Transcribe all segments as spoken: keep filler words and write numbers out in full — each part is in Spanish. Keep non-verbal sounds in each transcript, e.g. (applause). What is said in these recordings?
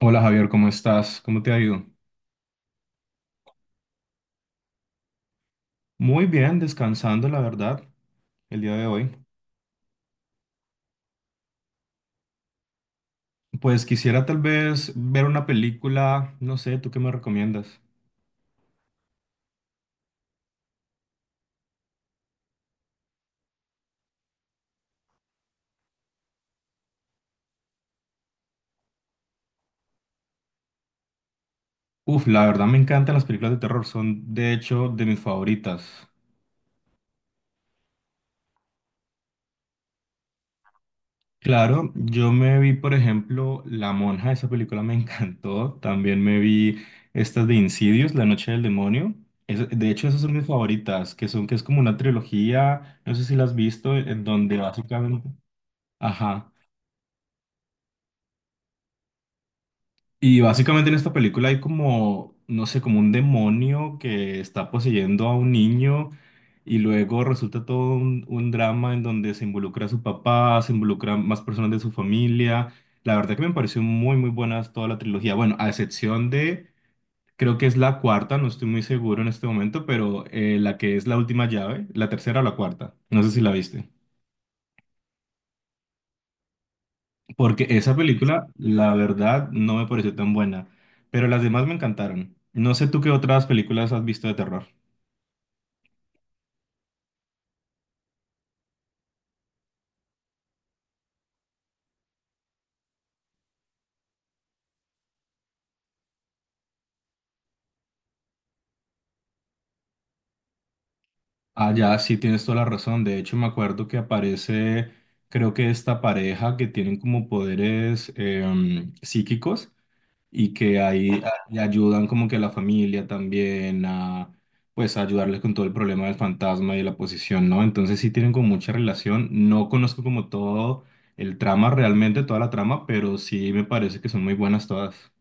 Hola Javier, ¿cómo estás? ¿Cómo te ha ido? Muy bien, descansando, la verdad, el día de hoy. Pues quisiera tal vez ver una película, no sé, ¿tú qué me recomiendas? Uf, la verdad me encantan las películas de terror, son de hecho de mis favoritas. Claro, yo me vi, por ejemplo, La Monja, esa película me (laughs) encantó. También me vi estas de Insidious, La Noche del Demonio. Es- de hecho, esas son mis favoritas, que son, que es como una trilogía, no sé si la has visto, en donde básicamente... Ajá. Y básicamente en esta película hay como, no sé, como un demonio que está poseyendo a un niño y luego resulta todo un, un drama en donde se involucra a su papá, se involucran más personas de su familia. La verdad que me pareció muy, muy buena toda la trilogía. Bueno, a excepción de, creo que es la cuarta, no estoy muy seguro en este momento, pero eh, la que es la última llave, la tercera o la cuarta. No sé si la viste. Porque esa película, la verdad, no me pareció tan buena, pero las demás me encantaron. No sé tú qué otras películas has visto de terror. Ah, ya, sí tienes toda la razón. De hecho, me acuerdo que aparece, creo que esta pareja que tienen como poderes em, psíquicos y que ahí a- ayudan como que a la familia también a pues a ayudarles con todo el problema del fantasma y de la posesión, ¿no? Entonces sí tienen como mucha relación. No conozco como todo el trama realmente, toda la trama, pero sí me parece que son muy buenas todas.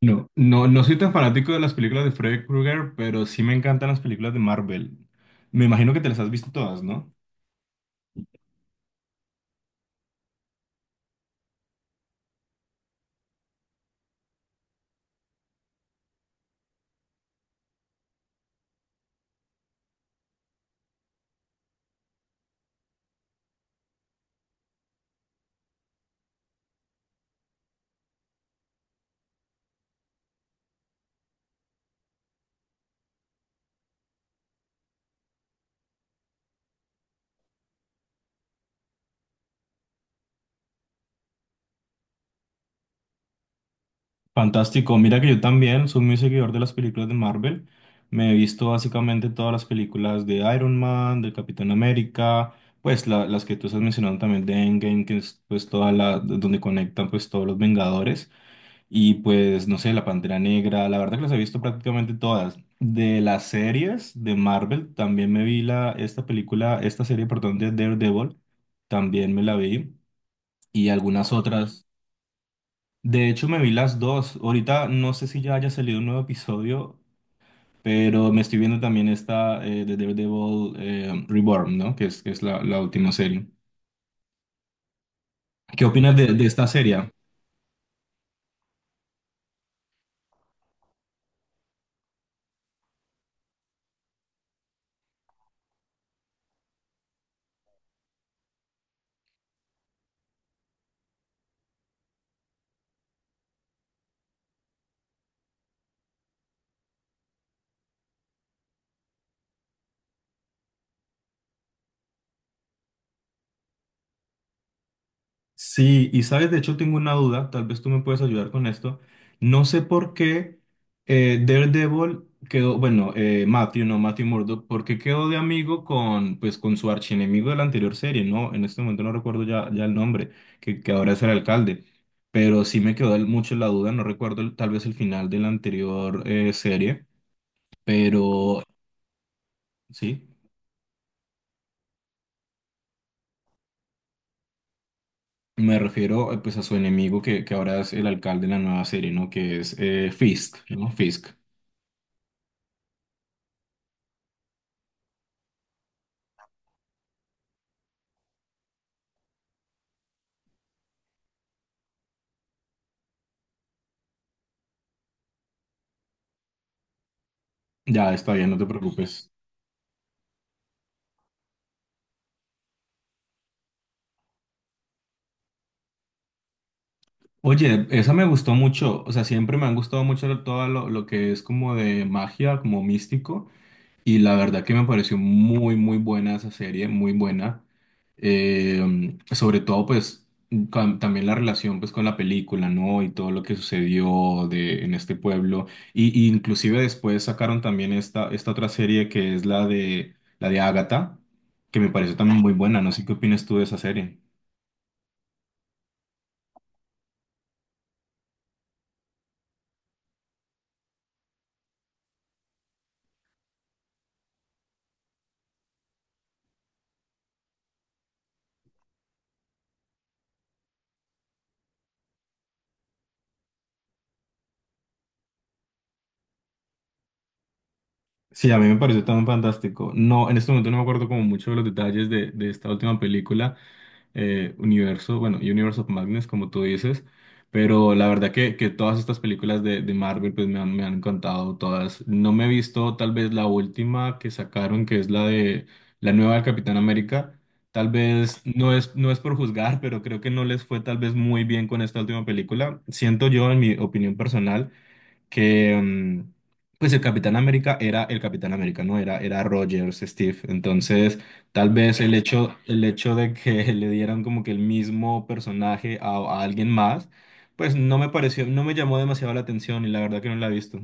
No, no, no soy tan fanático de las películas de Freddy Krueger, pero sí me encantan las películas de Marvel. Me imagino que te las has visto todas, ¿no? Fantástico, mira que yo también soy muy seguidor de las películas de Marvel. Me he visto básicamente todas las películas de Iron Man, del Capitán América, pues la- las que tú estás mencionando también de Endgame, que es pues toda la donde conectan pues todos los Vengadores y pues no sé, la Pantera Negra, la verdad que las he visto prácticamente todas. De las series de Marvel también me vi la esta película, esta serie perdón de Daredevil, también me la vi y algunas otras de hecho, me vi las dos. Ahorita no sé si ya haya salido un nuevo episodio, pero me estoy viendo también esta eh, de Daredevil eh, Reborn, ¿no? Que es, que es la, la última serie. ¿Qué opinas de, de esta serie? Sí, y sabes, de hecho tengo una duda, tal vez tú me puedes ayudar con esto. No sé por qué eh, Daredevil quedó, bueno, eh, Matthew, no, Matthew Murdock, ¿por qué quedó de amigo con, pues, con su archienemigo de la anterior serie? No, en este momento no recuerdo ya, ya el nombre, que, que ahora es el alcalde, pero sí me quedó el- mucho la duda, no recuerdo el- tal vez el final de la anterior eh, serie, pero sí, me refiero eh, pues a su enemigo que, que ahora es el alcalde de la nueva serie, ¿no? Que es eh, Fisk, ¿no? Fisk. Ya, está bien, no te preocupes. Oye, esa me gustó mucho, o sea, siempre me han gustado mucho lo- todo lo, lo que es como de magia, como místico, y la verdad que me pareció muy, muy buena esa serie, muy buena. Eh, sobre todo, pues, cam- también la relación, pues, con la película, ¿no? Y todo lo que sucedió de, en este pueblo. Y, y inclusive después sacaron también esta, esta otra serie que es la de, la de Agatha, que me pareció también muy buena, no sé qué opinas tú de esa serie. Sí, a mí me pareció tan fantástico. No, en este momento no me acuerdo como mucho de los detalles de, de esta última película, eh, Universo, bueno, Universe of Madness, como tú dices, pero la verdad que, que todas estas películas de, de Marvel pues me han, me han encantado todas. No me he visto tal vez la última que sacaron, que es la de la nueva del Capitán América. Tal vez no es, no es por juzgar, pero creo que no les fue tal vez muy bien con esta última película. Siento yo, en mi opinión personal que mm, pues el Capitán América era el Capitán América, ¿no? Era, era Rogers, Steve. Entonces, tal vez el hecho, el hecho de que (laughs) le dieran como que el mismo personaje a, a alguien más, pues no me pareció, no me llamó demasiado la atención y la verdad que no la he visto.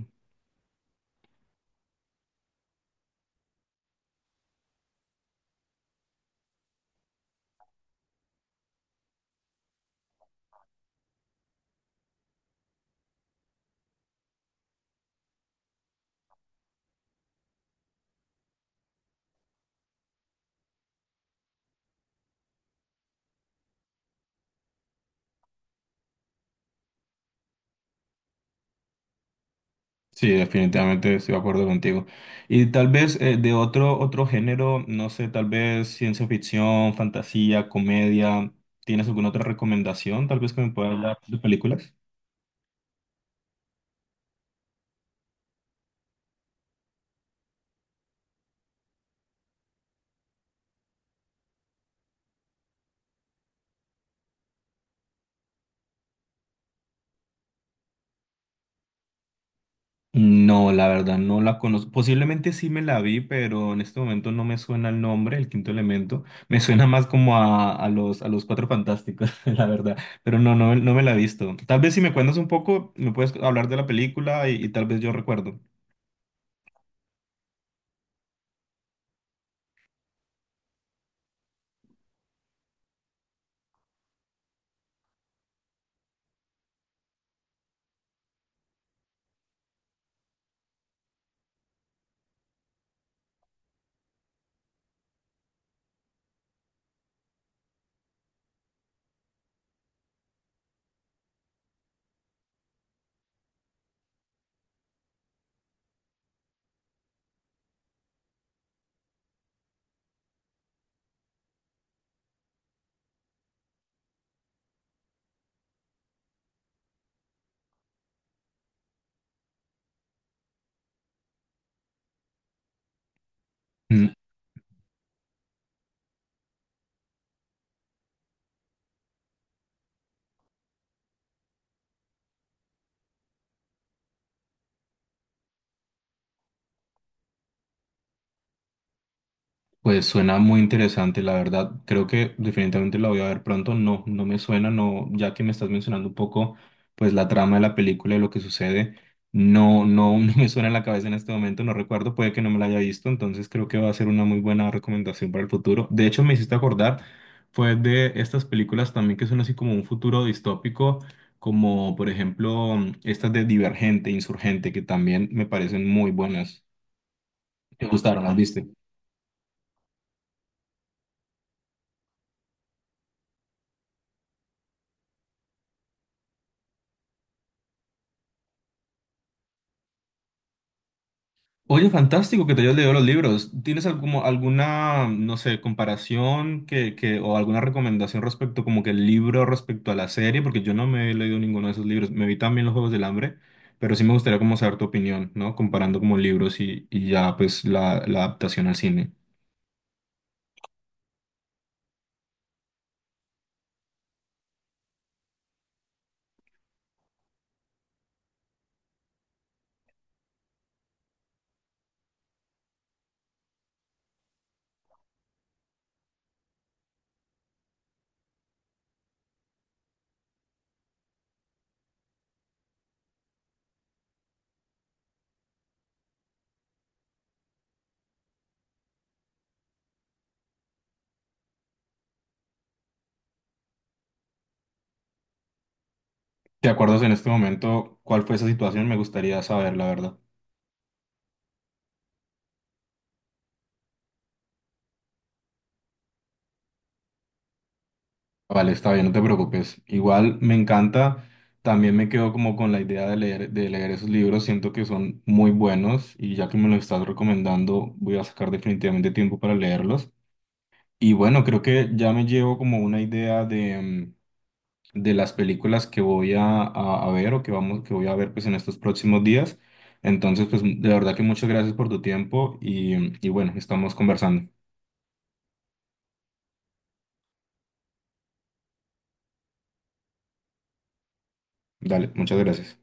Sí, definitivamente estoy de acuerdo contigo. Y tal vez eh, de otro, otro género, no sé, tal vez ciencia ficción, fantasía, comedia, ¿tienes alguna otra recomendación tal vez que me puedas dar de películas? No, la verdad no la conozco. Posiblemente sí me la vi, pero en este momento no me suena el nombre, el quinto elemento. Me suena más como a, a los, a los Cuatro Fantásticos, (laughs) la verdad. Pero no, no, no me la he visto. Tal vez si me cuentas un poco, me puedes hablar de la película y, y tal vez yo recuerdo. Pues suena muy interesante, la verdad. Creo que definitivamente la voy a ver pronto. No, no me suena, no, ya que me estás mencionando un poco, pues la trama de la película y lo que sucede, no, no, (laughs) no me suena en la cabeza en este momento, no recuerdo, puede que no me la haya visto, entonces creo que va a ser una muy buena recomendación para el futuro. De hecho, me hiciste acordar, fue de estas películas también que son así como un futuro distópico, como por ejemplo estas de Divergente, Insurgente, que también me parecen muy buenas. ¿Te gustaron? ¿Las viste? Oye, fantástico que te hayas leído los libros. ¿Tienes algún alguna, no sé, comparación que, que, o alguna recomendación respecto, como que el libro respecto a la serie? Porque yo no me he leído ninguno de esos libros. Me vi también Los Juegos del Hambre, pero sí me gustaría como saber tu opinión, ¿no? Comparando como libros y, y ya pues la, la adaptación al cine. ¿Te acuerdas en este momento cuál fue esa situación? Me gustaría saber, la verdad. Vale, está bien, no te preocupes. Igual me encanta, también me quedo como con la idea de leer, de leer esos libros, siento que son muy buenos y ya que me los estás recomendando, voy a sacar definitivamente tiempo para leerlos. Y bueno, creo que ya me llevo como una idea de, mm, de las películas que voy a, a- a ver o que vamos, que voy a ver pues en estos próximos días. Entonces, pues de verdad que muchas gracias por tu tiempo y, y bueno, estamos conversando. Dale, muchas gracias.